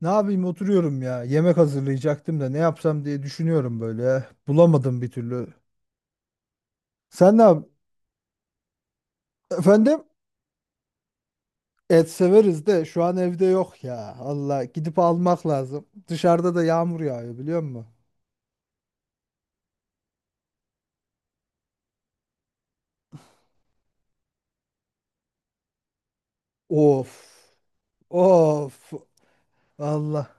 Ne yapayım oturuyorum ya. Yemek hazırlayacaktım da ne yapsam diye düşünüyorum böyle ya. Bulamadım bir türlü. Sen ne yap? Efendim? Et severiz de şu an evde yok ya. Allah gidip almak lazım. Dışarıda da yağmur yağıyor biliyor musun? Of. Of. Allah.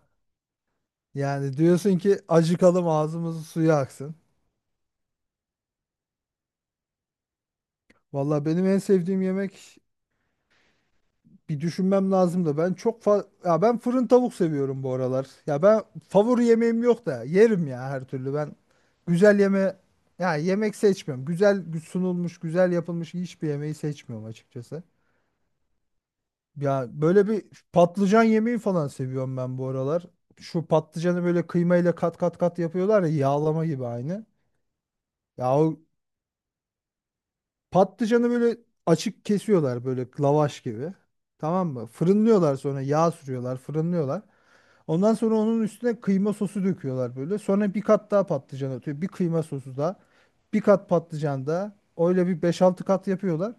Yani diyorsun ki acıkalım ağzımızın suyu aksın. Valla benim en sevdiğim yemek. Bir düşünmem lazım da ben çok fa ya ben fırın tavuk seviyorum bu aralar. Ya ben favori yemeğim yok da yerim ya her türlü. Ben güzel yeme ya yemek seçmiyorum. Güzel sunulmuş, güzel yapılmış hiçbir yemeği seçmiyorum açıkçası. Ya böyle bir patlıcan yemeği falan seviyorum ben bu aralar. Şu patlıcanı böyle kıymayla kat kat kat yapıyorlar ya, yağlama gibi aynı. Ya o patlıcanı böyle açık kesiyorlar böyle lavaş gibi. Tamam mı? Fırınlıyorlar, sonra yağ sürüyorlar, fırınlıyorlar. Ondan sonra onun üstüne kıyma sosu döküyorlar böyle. Sonra bir kat daha patlıcan atıyor. Bir kıyma sosu daha. Bir kat patlıcan daha. Öyle bir beş altı kat yapıyorlar.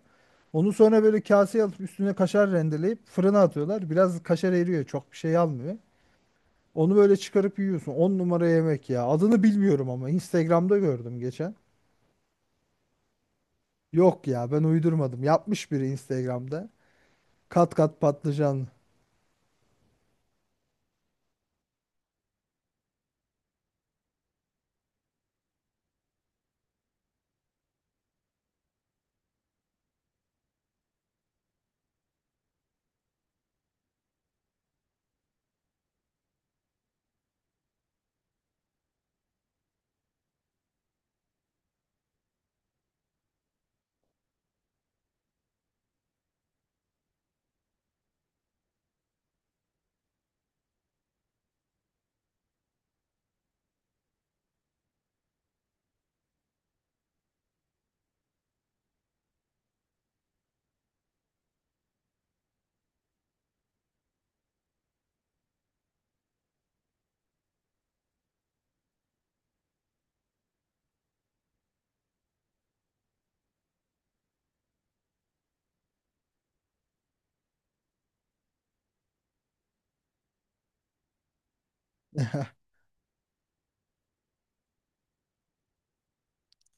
Onu sonra böyle kaseye alıp üstüne kaşar rendeleyip fırına atıyorlar. Biraz kaşar eriyor. Çok bir şey almıyor. Onu böyle çıkarıp yiyorsun. 10 numara yemek ya. Adını bilmiyorum ama Instagram'da gördüm geçen. Yok ya, ben uydurmadım. Yapmış biri Instagram'da. Kat kat patlıcan.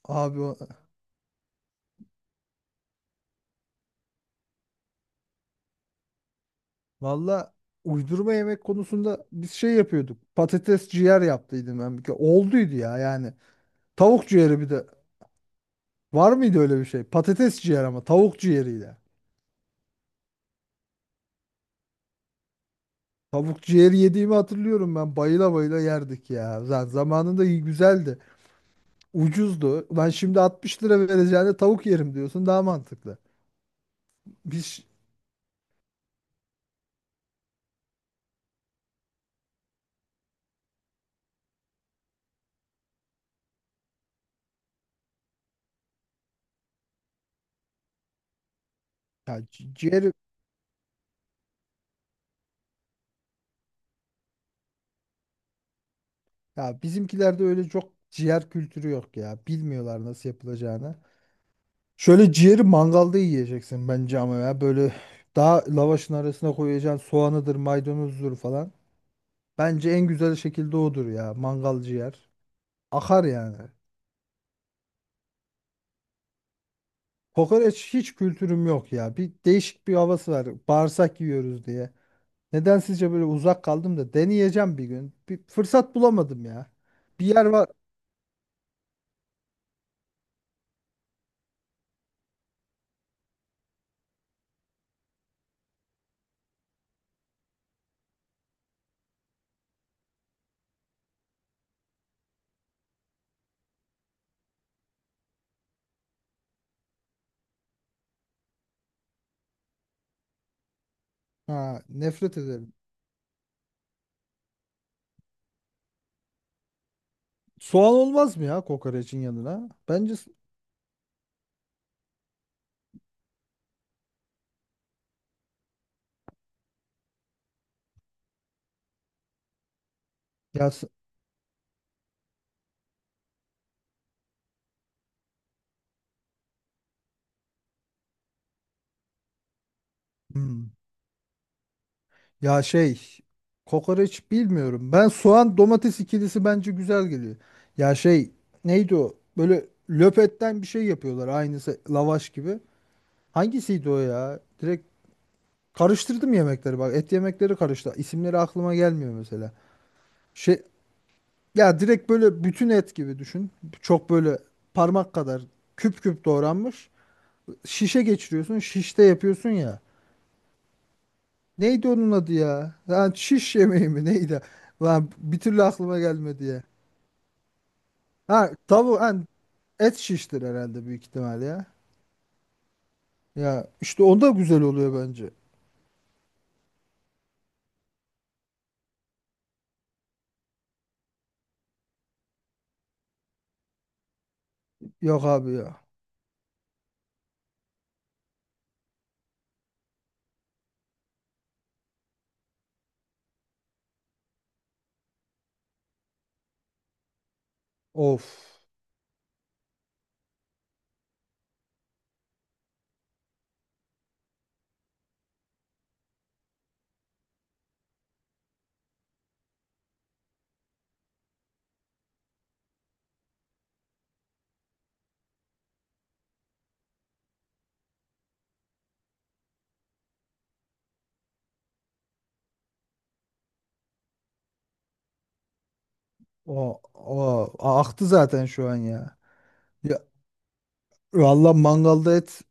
Abi o- Valla, uydurma yemek konusunda biz şey yapıyorduk. Patates ciğer yaptıydım ben bir kere. Olduydu ya yani. Tavuk ciğeri bir de. Var mıydı öyle bir şey? Patates ciğer ama tavuk ciğeriyle. Tavuk ciğeri yediğimi hatırlıyorum ben. Bayıla bayıla yerdik ya. Zaten zamanında iyi güzeldi. Ucuzdu. Ben şimdi 60 TL lira vereceğine tavuk yerim diyorsun. Daha mantıklı. Biz ya ci- ciğeri ya Bizimkilerde öyle çok ciğer kültürü yok ya. Bilmiyorlar nasıl yapılacağını. Şöyle ciğeri mangalda yiyeceksin bence, ama ya böyle daha lavaşın arasına koyacaksın, soğanıdır, maydanozdur falan. Bence en güzel şekilde odur ya, mangal ciğer. Akar yani. Kokoreç hiç kültürüm yok ya. Bir değişik bir havası var. Bağırsak yiyoruz diye. Neden sizce böyle uzak kaldım, da deneyeceğim bir gün. Bir fırsat bulamadım ya. Bir yer var. Ha, nefret ederim. Soğan olmaz mı ya kokoreçin yanına? Bence s- ya s- Hmm. Ya şey, kokoreç bilmiyorum. Ben soğan domates ikilisi bence güzel geliyor. Ya şey, neydi o? Böyle löpetten bir şey yapıyorlar, aynısı lavaş gibi. Hangisiydi o ya? Direkt karıştırdım yemekleri, bak et yemekleri karıştı. İsimleri aklıma gelmiyor mesela. Şey, ya direkt böyle bütün et gibi düşün. Çok böyle parmak kadar küp küp doğranmış. Şişe geçiriyorsun, şişte yapıyorsun ya. Neydi onun adı ya? Lan şiş yemeği mi neydi? Lan bir türlü aklıma gelmedi ya. Ha tavuk lan Et şiştir herhalde, büyük ihtimal ya. Ya işte onda güzel oluyor bence. Yok abi ya. Of. O, aktı zaten şu an ya. Ya valla, mangalda et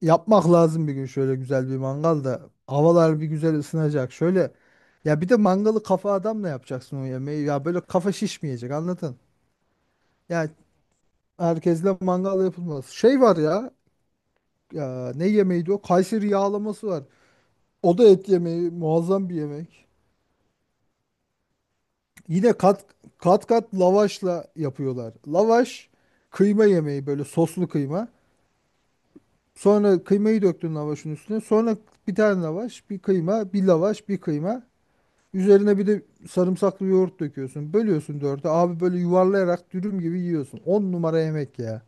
yapmak lazım bir gün, şöyle güzel bir mangalda. Havalar bir güzel ısınacak. Şöyle, ya bir de mangalı kafa adamla yapacaksın o yemeği. Ya böyle kafa şişmeyecek, anladın? Ya herkesle mangal yapılmaz. Şey var ya, ya ne yemeğiydi o? Kayseri yağlaması var. O da et yemeği, muazzam bir yemek. Yine kat kat kat lavaşla yapıyorlar. Lavaş kıyma yemeği, böyle soslu kıyma. Sonra kıymayı döktün lavaşın üstüne. Sonra bir tane lavaş, bir kıyma, bir lavaş, bir kıyma. Üzerine bir de sarımsaklı yoğurt döküyorsun. Bölüyorsun dörde. Abi böyle yuvarlayarak dürüm gibi yiyorsun. 10 numara yemek ya.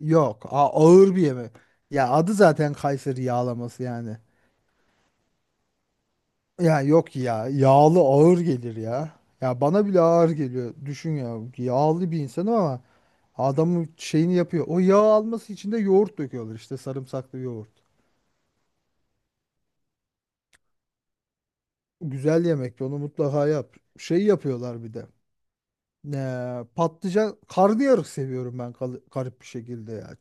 Yok, ağır bir yemek. Ya adı zaten Kayseri yağlaması yani. Ya yok ya, yağlı ağır gelir ya. Ya bana bile ağır geliyor. Düşün ya, yağlı bir insanım ama adamın şeyini yapıyor. O, yağ alması için de yoğurt döküyorlar işte, sarımsaklı yoğurt. Güzel yemek, onu mutlaka yap. Şey yapıyorlar bir de. Ne, patlıcan, karnıyarık seviyorum ben garip bir şekilde ya.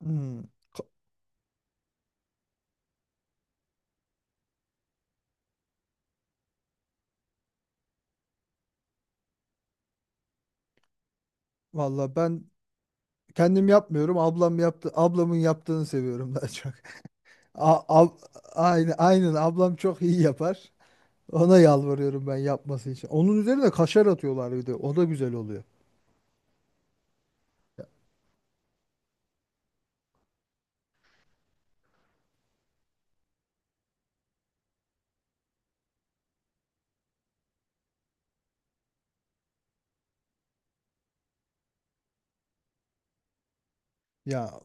Hmm, valla ben kendim yapmıyorum, ablam yaptı, ablamın yaptığını seviyorum daha çok. A- ab- aynen, aynen, ablam çok iyi yapar. Ona yalvarıyorum ben yapması için. Onun üzerine kaşar atıyorlar bir de. O da güzel oluyor. Ya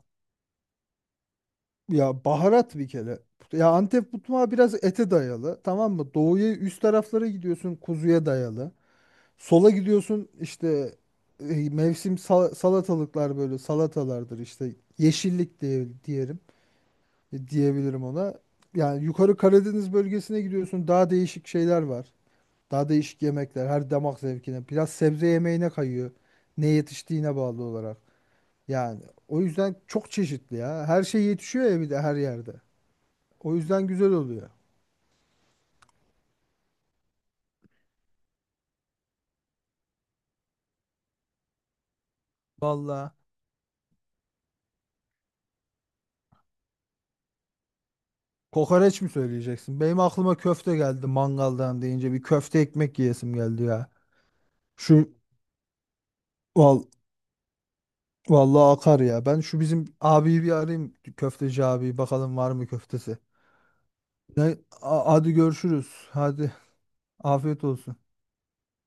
ya baharat bir kere. Ya Antep mutfağı biraz ete dayalı. Tamam mı? Doğuya, üst taraflara gidiyorsun, kuzuya dayalı. Sola gidiyorsun işte, mevsim salatalıklar, böyle salatalardır işte, yeşillik diye diyelim, diyebilirim ona. Yani yukarı Karadeniz bölgesine gidiyorsun, daha değişik şeyler var. Daha değişik yemekler, her damak zevkine. Biraz sebze yemeğine kayıyor. Ne yetiştiğine bağlı olarak. Yani o yüzden çok çeşitli ya. Her şey yetişiyor ya bir de, her yerde. O yüzden güzel oluyor. Valla. Kokoreç mi söyleyeceksin? Benim aklıma köfte geldi, mangaldan deyince bir köfte ekmek yiyesim geldi ya. Şu val Vallahi akar ya. Ben şu bizim abiyi bir arayayım. Köfteci abi, bakalım var mı köftesi. Hadi görüşürüz. Hadi afiyet olsun.